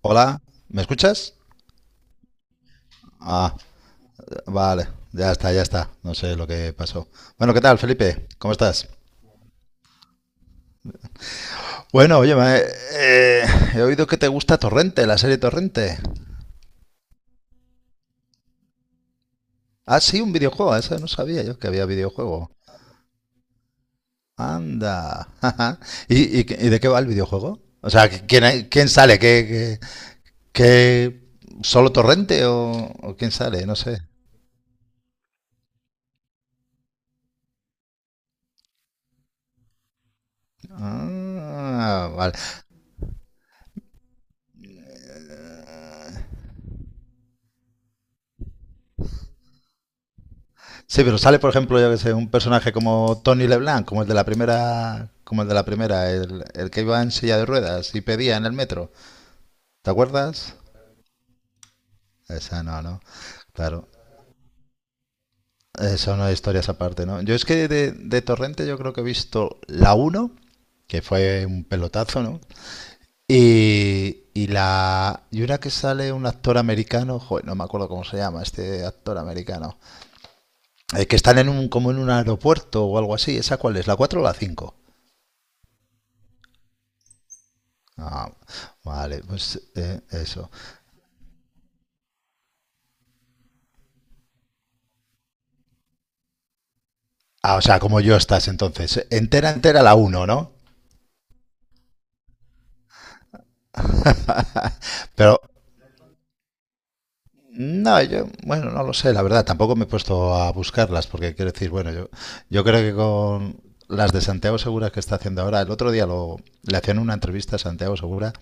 Hola, ¿me escuchas? Ah, vale, ya está, ya está. No sé lo que pasó. Bueno, ¿qué tal, Felipe? ¿Cómo estás? Bueno, oye, he oído que te gusta Torrente, la serie Torrente. Ah, sí, un videojuego, eso no sabía yo que había videojuego. Anda. ¿Y de qué va el videojuego? O sea, ¿quién sale? Qué- solo Torrente o quién sale? No sé. Ah, vale. Sí, pero sale, por ejemplo, yo que sé, un personaje como Tony LeBlanc, como el de la primera, como el de la primera, el que iba en silla de ruedas y pedía en el metro. ¿Te acuerdas? Esa no, ¿no? Claro. Eso no historias aparte, ¿no? Yo es que de Torrente yo creo que he visto la uno, que fue un pelotazo, ¿no? Y una que sale un actor americano, joder, no me acuerdo cómo se llama este actor americano, que están en un como en un aeropuerto o algo así, ¿esa cuál es? ¿La 4 o la cinco? Ah, vale, pues eso. Ah, o sea, como yo estás entonces. Entera, entera la uno, ¿no? Pero no, yo, bueno, no lo sé, la verdad, tampoco me he puesto a buscarlas, porque quiero decir, bueno, yo creo que con las de Santiago Segura que está haciendo ahora, el otro día le hacían una entrevista a Santiago Segura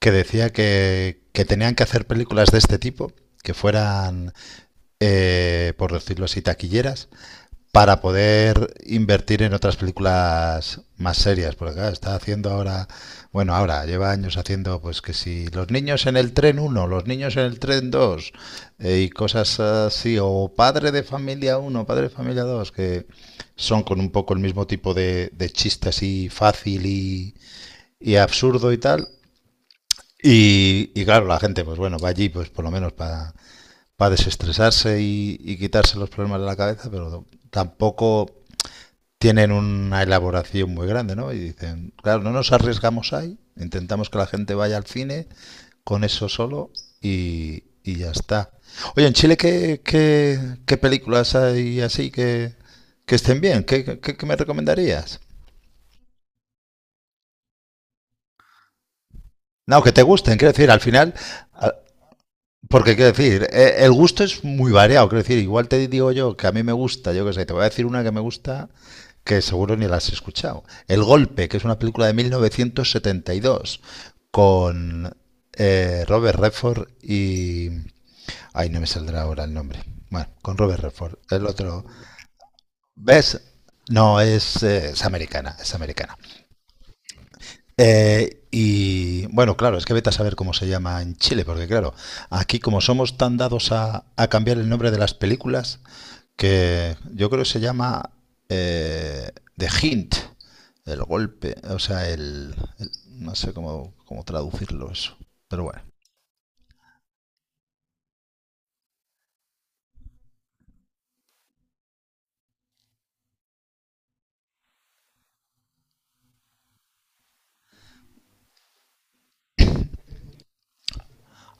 que decía que tenían que hacer películas de este tipo, que fueran, por decirlo así, taquilleras, para poder invertir en otras películas más serias, porque claro, está haciendo ahora, bueno, ahora lleva años haciendo pues que si los niños en el tren uno, los niños en el tren dos, y cosas así, o padre de familia uno, padre de familia 2, que son con un poco el mismo tipo de chiste así fácil y absurdo y tal. Claro, la gente pues bueno, va allí pues por lo menos para desestresarse y quitarse los problemas de la cabeza, pero tampoco tienen una elaboración muy grande, ¿no? Y dicen, claro, no nos arriesgamos ahí, intentamos que la gente vaya al cine con eso solo y ya está. Oye, en Chile, ¿qué películas hay así que estén bien? ¿Qué me recomendarías? No, que te gusten, quiero decir, al final, porque quiero decir, el gusto es muy variado, quiero decir, igual te digo yo que a mí me gusta, yo qué sé, te voy a decir una que me gusta que seguro ni la has escuchado. El Golpe, que es una película de 1972 con Robert Redford y... Ay, no me saldrá ahora el nombre. Bueno, con Robert Redford. El otro... ¿Ves? No, es americana, es americana. Y bueno, claro, es que vete a saber cómo se llama en Chile, porque claro, aquí como somos tan dados a cambiar el nombre de las películas, que yo creo que se llama The Hint, el golpe, o sea, no sé cómo traducirlo eso, pero bueno.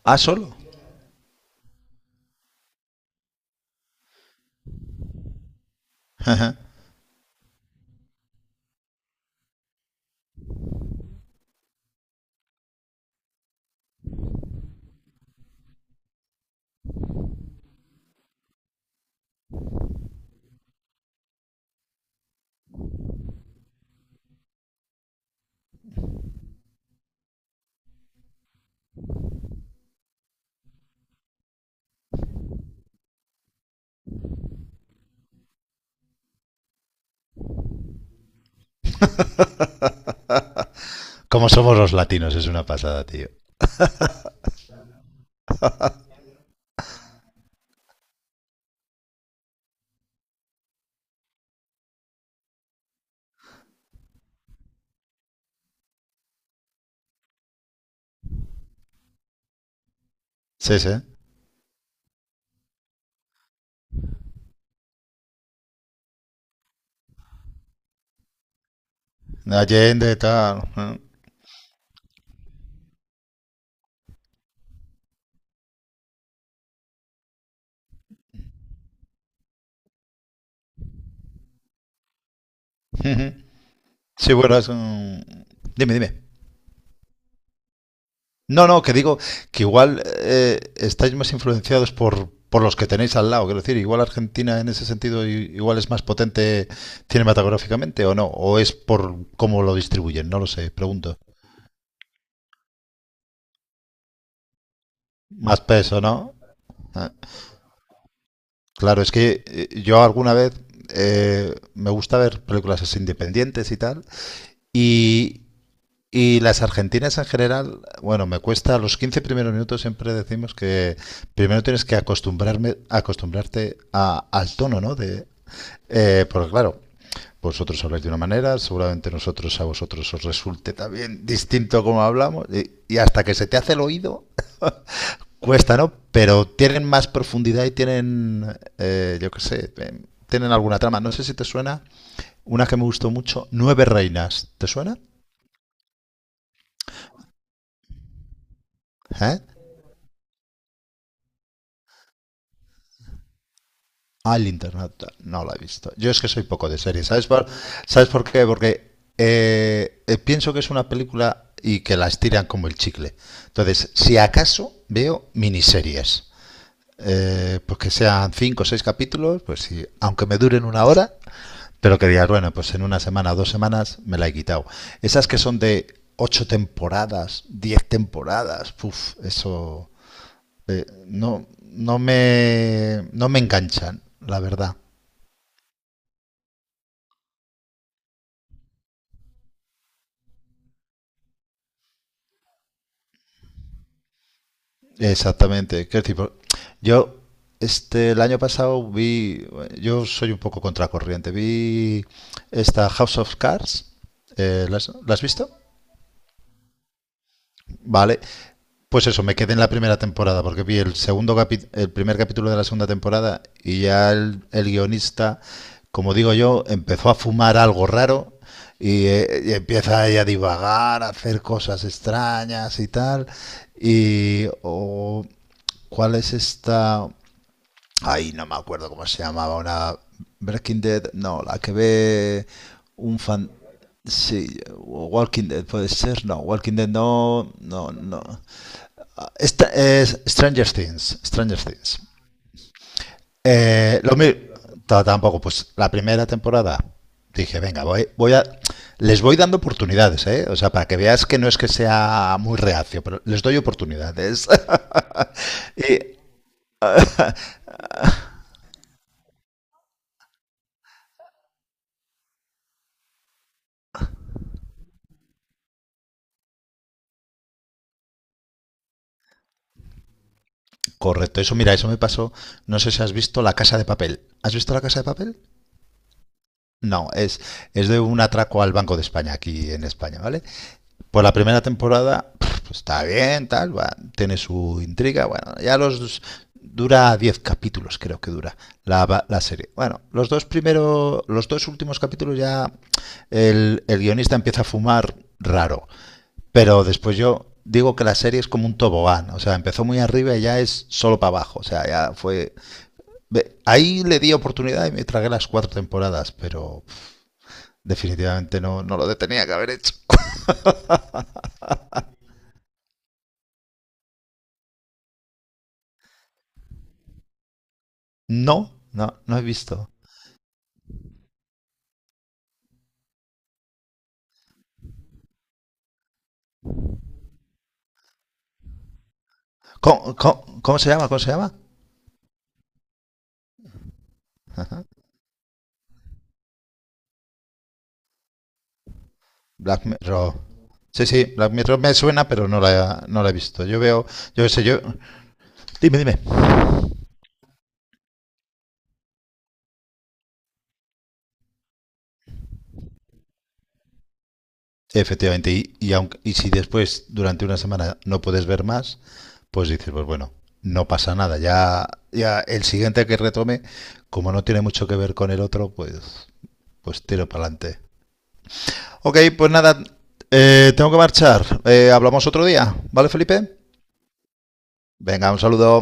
Ah, solo. Como somos los latinos, es una pasada, tío. Sí, sí. Allende, tal. ¿Eh? Sí, bueno, es un... Dime, dime. No, no, que digo que igual estáis más influenciados por los que tenéis al lado. Quiero decir, igual Argentina en ese sentido igual es más potente cinematográficamente o no, o es por cómo lo distribuyen, no lo sé, pregunto. Más peso, ¿no? Ah, claro, es que yo alguna vez me gusta ver películas así independientes y tal, y, y las argentinas en general, bueno, me cuesta los 15 primeros minutos, siempre decimos que primero tienes que acostumbrarte al tono, ¿no? Porque claro, vosotros habláis de una manera, seguramente nosotros a vosotros os resulte también distinto como hablamos, y hasta que se te hace el oído, cuesta, ¿no? Pero tienen más profundidad y tienen, yo qué sé, tienen alguna trama. No sé si te suena una que me gustó mucho, Nueve Reinas, ¿te suena? ¿Eh? Al el internauta, no la he visto. Yo es que soy poco de serie. ¿Sabes por qué? Porque pienso que es una película y que la estiran como el chicle. Entonces, si acaso veo miniseries, pues que sean cinco o seis capítulos, pues sí, aunque me duren una hora, pero que digas, bueno, pues en una semana o 2 semanas me la he quitado. Esas que son de 8 temporadas, 10 temporadas, puf, eso no, no me enganchan, la verdad. Exactamente. Quiero decir, yo este el año pasado vi, yo soy un poco contracorriente, vi esta House of Cards. ¿La has visto? Vale. Pues eso, me quedé en la primera temporada porque vi el primer capítulo de la segunda temporada y ya el guionista, como digo yo, empezó a fumar algo raro y empieza ella a divagar, a hacer cosas extrañas y tal. Y o- ¿Cuál es esta? Ay, no me acuerdo cómo se llamaba. Una Breaking Dead, no, la que ve un fan. Sí, o Walking Dead puede ser, no, Walking Dead no, no, no. Esta es Stranger Things, Stranger Things. Lo mismo, tampoco, pues la primera temporada dije, venga, les voy dando oportunidades, ¿eh? O sea, para que veas que no es que sea muy reacio, pero les doy oportunidades. y Correcto, eso mira, eso me pasó, no sé si has visto La Casa de Papel. ¿Has visto La Casa de Papel? No, es de un atraco al Banco de España, aquí en España, ¿vale? Pues la primera temporada pues, está bien, tal, va, tiene su intriga, bueno, ya los... Dura 10 capítulos, creo que dura la serie. Bueno, los dos primeros, los dos últimos capítulos ya el guionista empieza a fumar raro. Pero después yo digo que la serie es como un tobogán, o sea, empezó muy arriba y ya es solo para abajo, o sea, ya fue. Ahí le di oportunidad y me tragué las 4 temporadas, pero definitivamente no lo tenía que haber hecho. No, no, no he visto. ¿Cómo se llama? ¿Cómo se llama? Black Mirror. Sí, sí, Black Mirror me suena, pero no la he visto. Yo veo, yo sé, yo... Dime, dime. Efectivamente, y si después, durante una semana, no puedes ver más, pues dices, pues bueno, no pasa nada. Ya el siguiente que retome, como no tiene mucho que ver con el otro, pues tiro para adelante. Ok, pues nada, tengo que marchar. Hablamos otro día, ¿vale, Felipe? Venga, un saludo.